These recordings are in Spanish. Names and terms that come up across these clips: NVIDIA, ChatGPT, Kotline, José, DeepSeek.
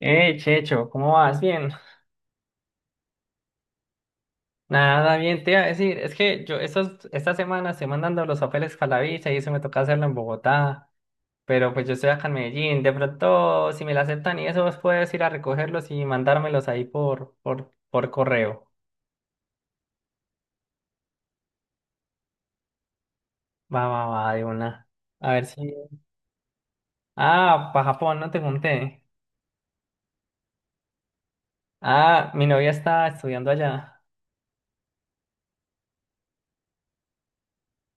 Checho, ¿cómo vas? Bien. Nada, bien, te iba a decir, es que yo estas esta semana estoy mandando los papeles para la visa y eso me toca hacerlo en Bogotá, pero pues yo estoy acá en Medellín, de pronto si me la aceptan y eso vos puedes ir a recogerlos y mandármelos ahí por correo. Va, va, va, de una. A ver si... Ah, para Japón, no te conté. Ah, mi novia está estudiando allá.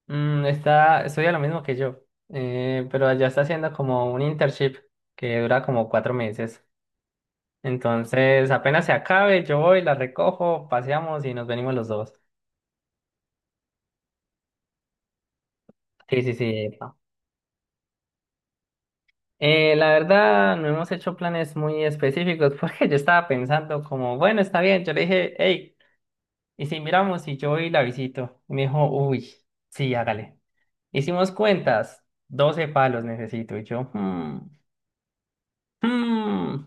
Estudia lo mismo que yo, pero allá está haciendo como un internship que dura como 4 meses. Entonces, apenas se acabe, yo voy, la recojo, paseamos y nos venimos los dos. Sí, sí, sí. Epa. La verdad, no hemos hecho planes muy específicos porque yo estaba pensando como, bueno, está bien. Yo le dije, hey, ¿y si miramos y yo voy y la visito? Y me dijo, uy, sí, hágale. Hicimos cuentas, 12 palos necesito. Y yo, hmm,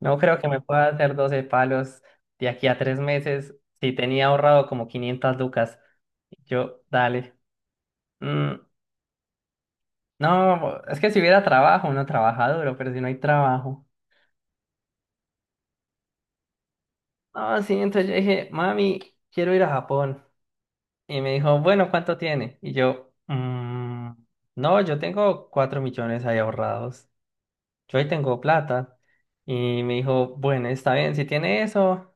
no creo que me pueda hacer 12 palos de aquí a 3 meses si tenía ahorrado como 500 lucas. Y yo, dale. hmm, No, es que si hubiera trabajo, uno trabaja duro, pero si no hay trabajo. No, sí, entonces yo dije, mami, quiero ir a Japón. Y me dijo, bueno, ¿cuánto tiene? Y yo, no, yo tengo 4 millones ahí ahorrados. Yo ahí tengo plata. Y me dijo, bueno, está bien, si tiene eso,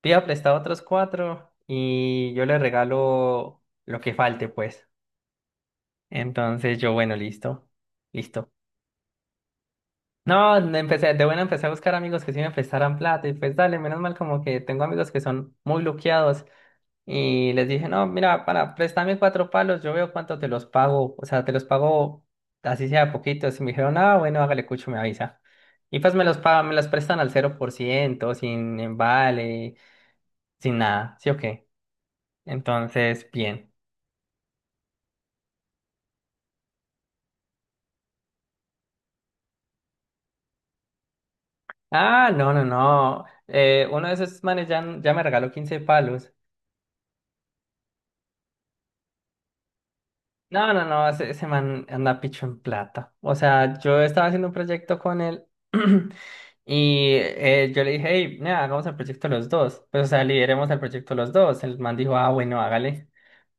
pida prestado otros cuatro y yo le regalo lo que falte, pues. Entonces yo, bueno, listo, listo. No, no empecé, de buena empecé a buscar amigos que sí me prestaran plata y pues dale, menos mal como que tengo amigos que son muy luqueados y les dije, no, mira, para prestarme 4 palos, yo veo cuánto te los pago, o sea, te los pago así sea poquito, y me dijeron, ah, bueno, hágale cucho, me avisa. Y pues me los pagan, me los prestan al 0% sin embale, sin nada, ¿sí o qué? Entonces, bien. Ah, no, no, no, uno de esos manes ya, ya me regaló 15 palos. No, no, no, ese man anda picho en plata. O sea, yo estaba haciendo un proyecto con él y yo le dije, hey, nada, hagamos el proyecto los dos. Pues, o sea, lideremos el proyecto los dos. El man dijo, ah, bueno, hágale.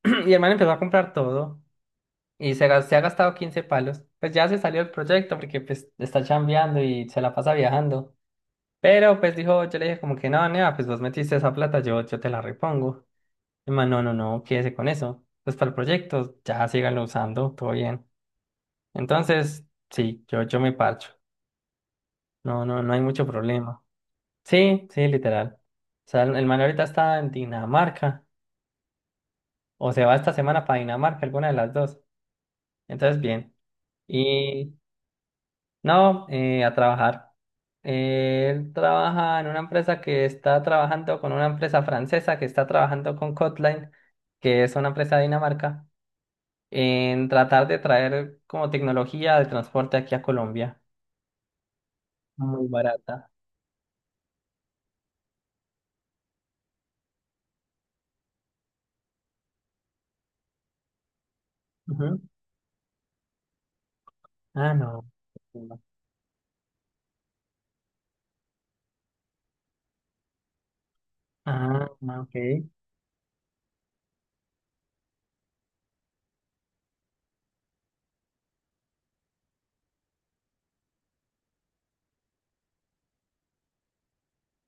Y el man empezó a comprar todo y se ha gastado 15 palos. Pues ya se salió del proyecto porque pues está chambeando y se la pasa viajando. Pero pues dijo, yo le dije como que no, nea, pues vos metiste esa plata, yo te la repongo. El man, no, no, no, quédese con eso. Pues para el proyecto, ya síganlo usando, todo bien. Entonces, sí, yo me parcho. No, no, no hay mucho problema. Sí, sí, literal. O sea, el man ahorita está en Dinamarca. O se va esta semana para Dinamarca, alguna de las dos. Entonces, bien. Y no, a trabajar. Él trabaja en una empresa que está trabajando con una empresa francesa que está trabajando con Kotline, que es una empresa de Dinamarca, en tratar de traer como tecnología de transporte aquí a Colombia. Muy barata. Ujú. Ah, no. Ah, ah, ok.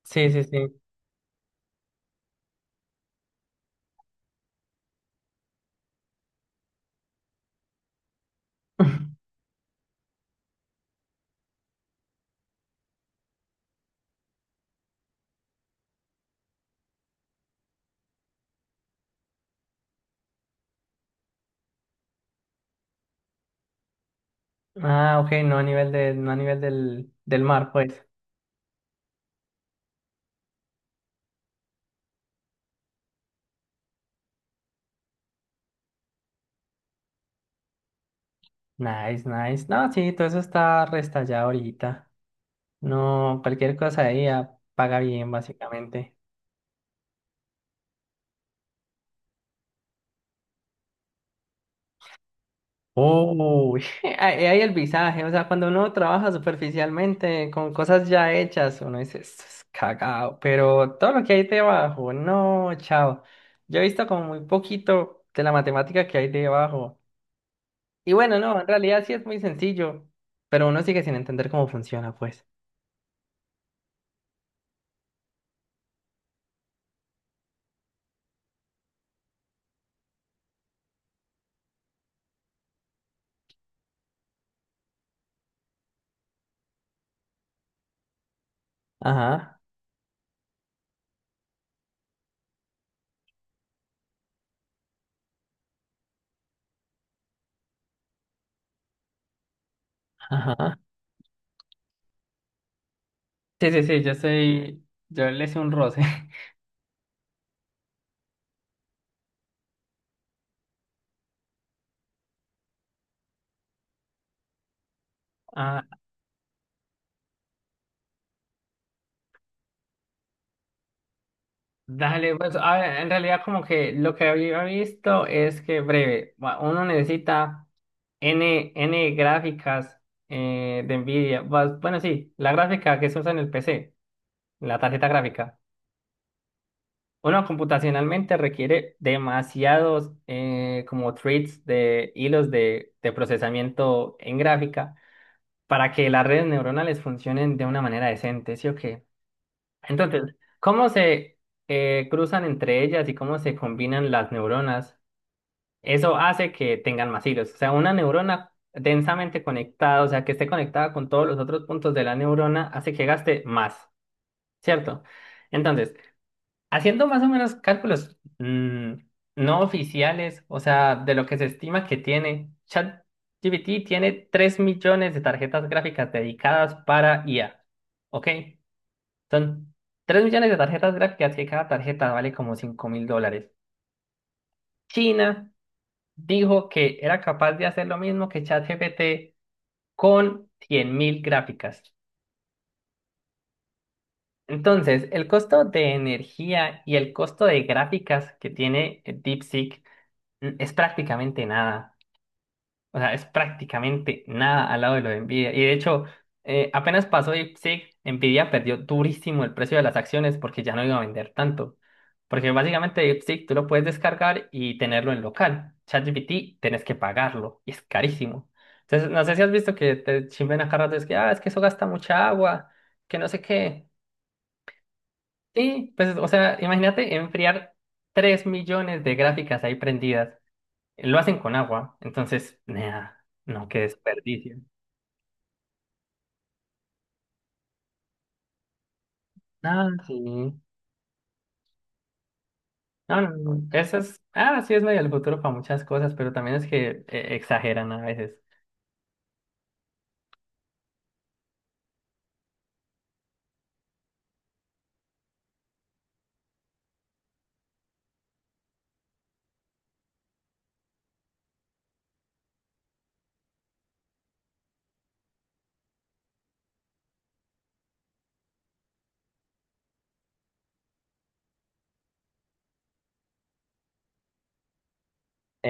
Sí, sí, sí. Ah, ok, no a nivel de, no a nivel del mar, pues. Nice, nice. No, sí, todo eso está restallado ahorita. No, cualquier cosa ahí ah, paga bien, básicamente. Oh, ahí hay el visaje. O sea, cuando uno trabaja superficialmente con cosas ya hechas, uno dice, esto es cagado. Pero todo lo que hay debajo, no, chao. Yo he visto como muy poquito de la matemática que hay debajo. Y bueno, no, en realidad sí es muy sencillo, pero uno sigue sin entender cómo funciona, pues. Ajá, ajá. Sí, sí, sí, yo soy, yo le hice un roce. Ah, dale, pues, a ver, en realidad como que lo que había visto es que breve, va, uno necesita N, N gráficas de NVIDIA. Vas- Bueno, sí, la gráfica que se usa en el PC, la tarjeta gráfica. Uno computacionalmente requiere demasiados como threads de hilos de procesamiento en gráfica para que las redes neuronales funcionen de una manera decente, ¿sí o qué? Entonces, ¿cómo se cruzan entre ellas y cómo se combinan las neuronas? Eso hace que tengan más hilos. O sea, una neurona densamente conectada, o sea, que esté conectada con todos los otros puntos de la neurona, hace que gaste más, ¿cierto? Entonces, haciendo más o menos cálculos no oficiales, o sea, de lo que se estima que tiene, ChatGPT tiene 3 millones de tarjetas gráficas dedicadas para IA. ¿Ok? Son 3 millones de tarjetas gráficas que cada tarjeta vale como $5.000. China dijo que era capaz de hacer lo mismo que ChatGPT con 100 mil gráficas. Entonces, el costo de energía y el costo de gráficas que tiene DeepSeek es prácticamente nada. O sea, es prácticamente nada al lado de lo de Nvidia. Y de hecho, apenas pasó DeepSeek sí, Nvidia perdió durísimo el precio de las acciones porque ya no iba a vender tanto. Porque básicamente DeepSeek tú lo puedes descargar y tenerlo en local. ChatGPT tenés que pagarlo y es carísimo. Entonces, no sé si has visto que te chimben a cada rato, es que, ah, es que eso gasta mucha agua, que no sé qué. Sí, pues, o sea, imagínate enfriar 3 millones de gráficas ahí prendidas. Lo hacen con agua, entonces, nea, no, qué desperdicio. Ah, sí. No, no, no. Eso es, ah, sí es medio el futuro para muchas cosas, pero también es que exageran a veces.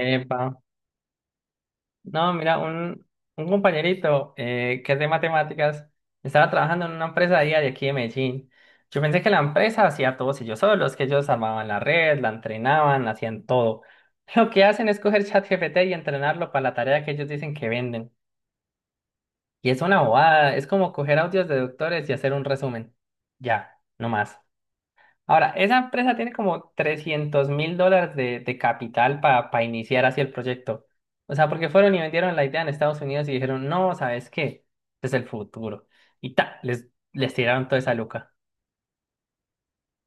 Epa. No, mira, un compañerito que es de matemáticas estaba trabajando en una empresa día de aquí de Medellín. Yo pensé que la empresa hacía todos ellos solos, que ellos armaban la red, la entrenaban, hacían todo. Lo que hacen es coger ChatGPT y entrenarlo para la tarea que ellos dicen que venden. Y es una bobada, es como coger audios de doctores y hacer un resumen. Ya, no más. Ahora, esa empresa tiene como $300.000 de capital para iniciar así el proyecto. O sea, porque fueron y vendieron la idea en Estados Unidos y dijeron, no, ¿sabes qué? Este es el futuro. Y ta, les tiraron toda esa luca.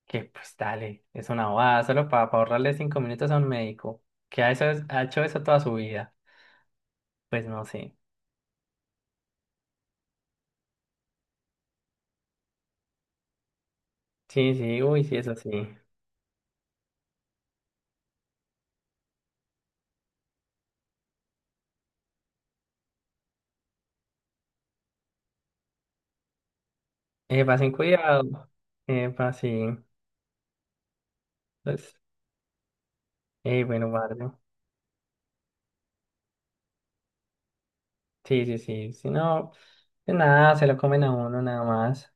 Que pues dale, es una bobada, solo para ahorrarle 5 minutos a un médico, ha hecho eso toda su vida. Pues no sé. Sí, sí, uy, sí, eso sí. Epa, sin cuidado. Epa, sí. Entonces, bueno, guardo. Sí, sí, sí. Si no, de nada, se lo comen a uno nada más.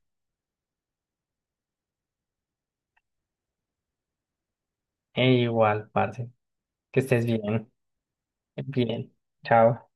Igual, parce. Que estés bien. Bien. Chao.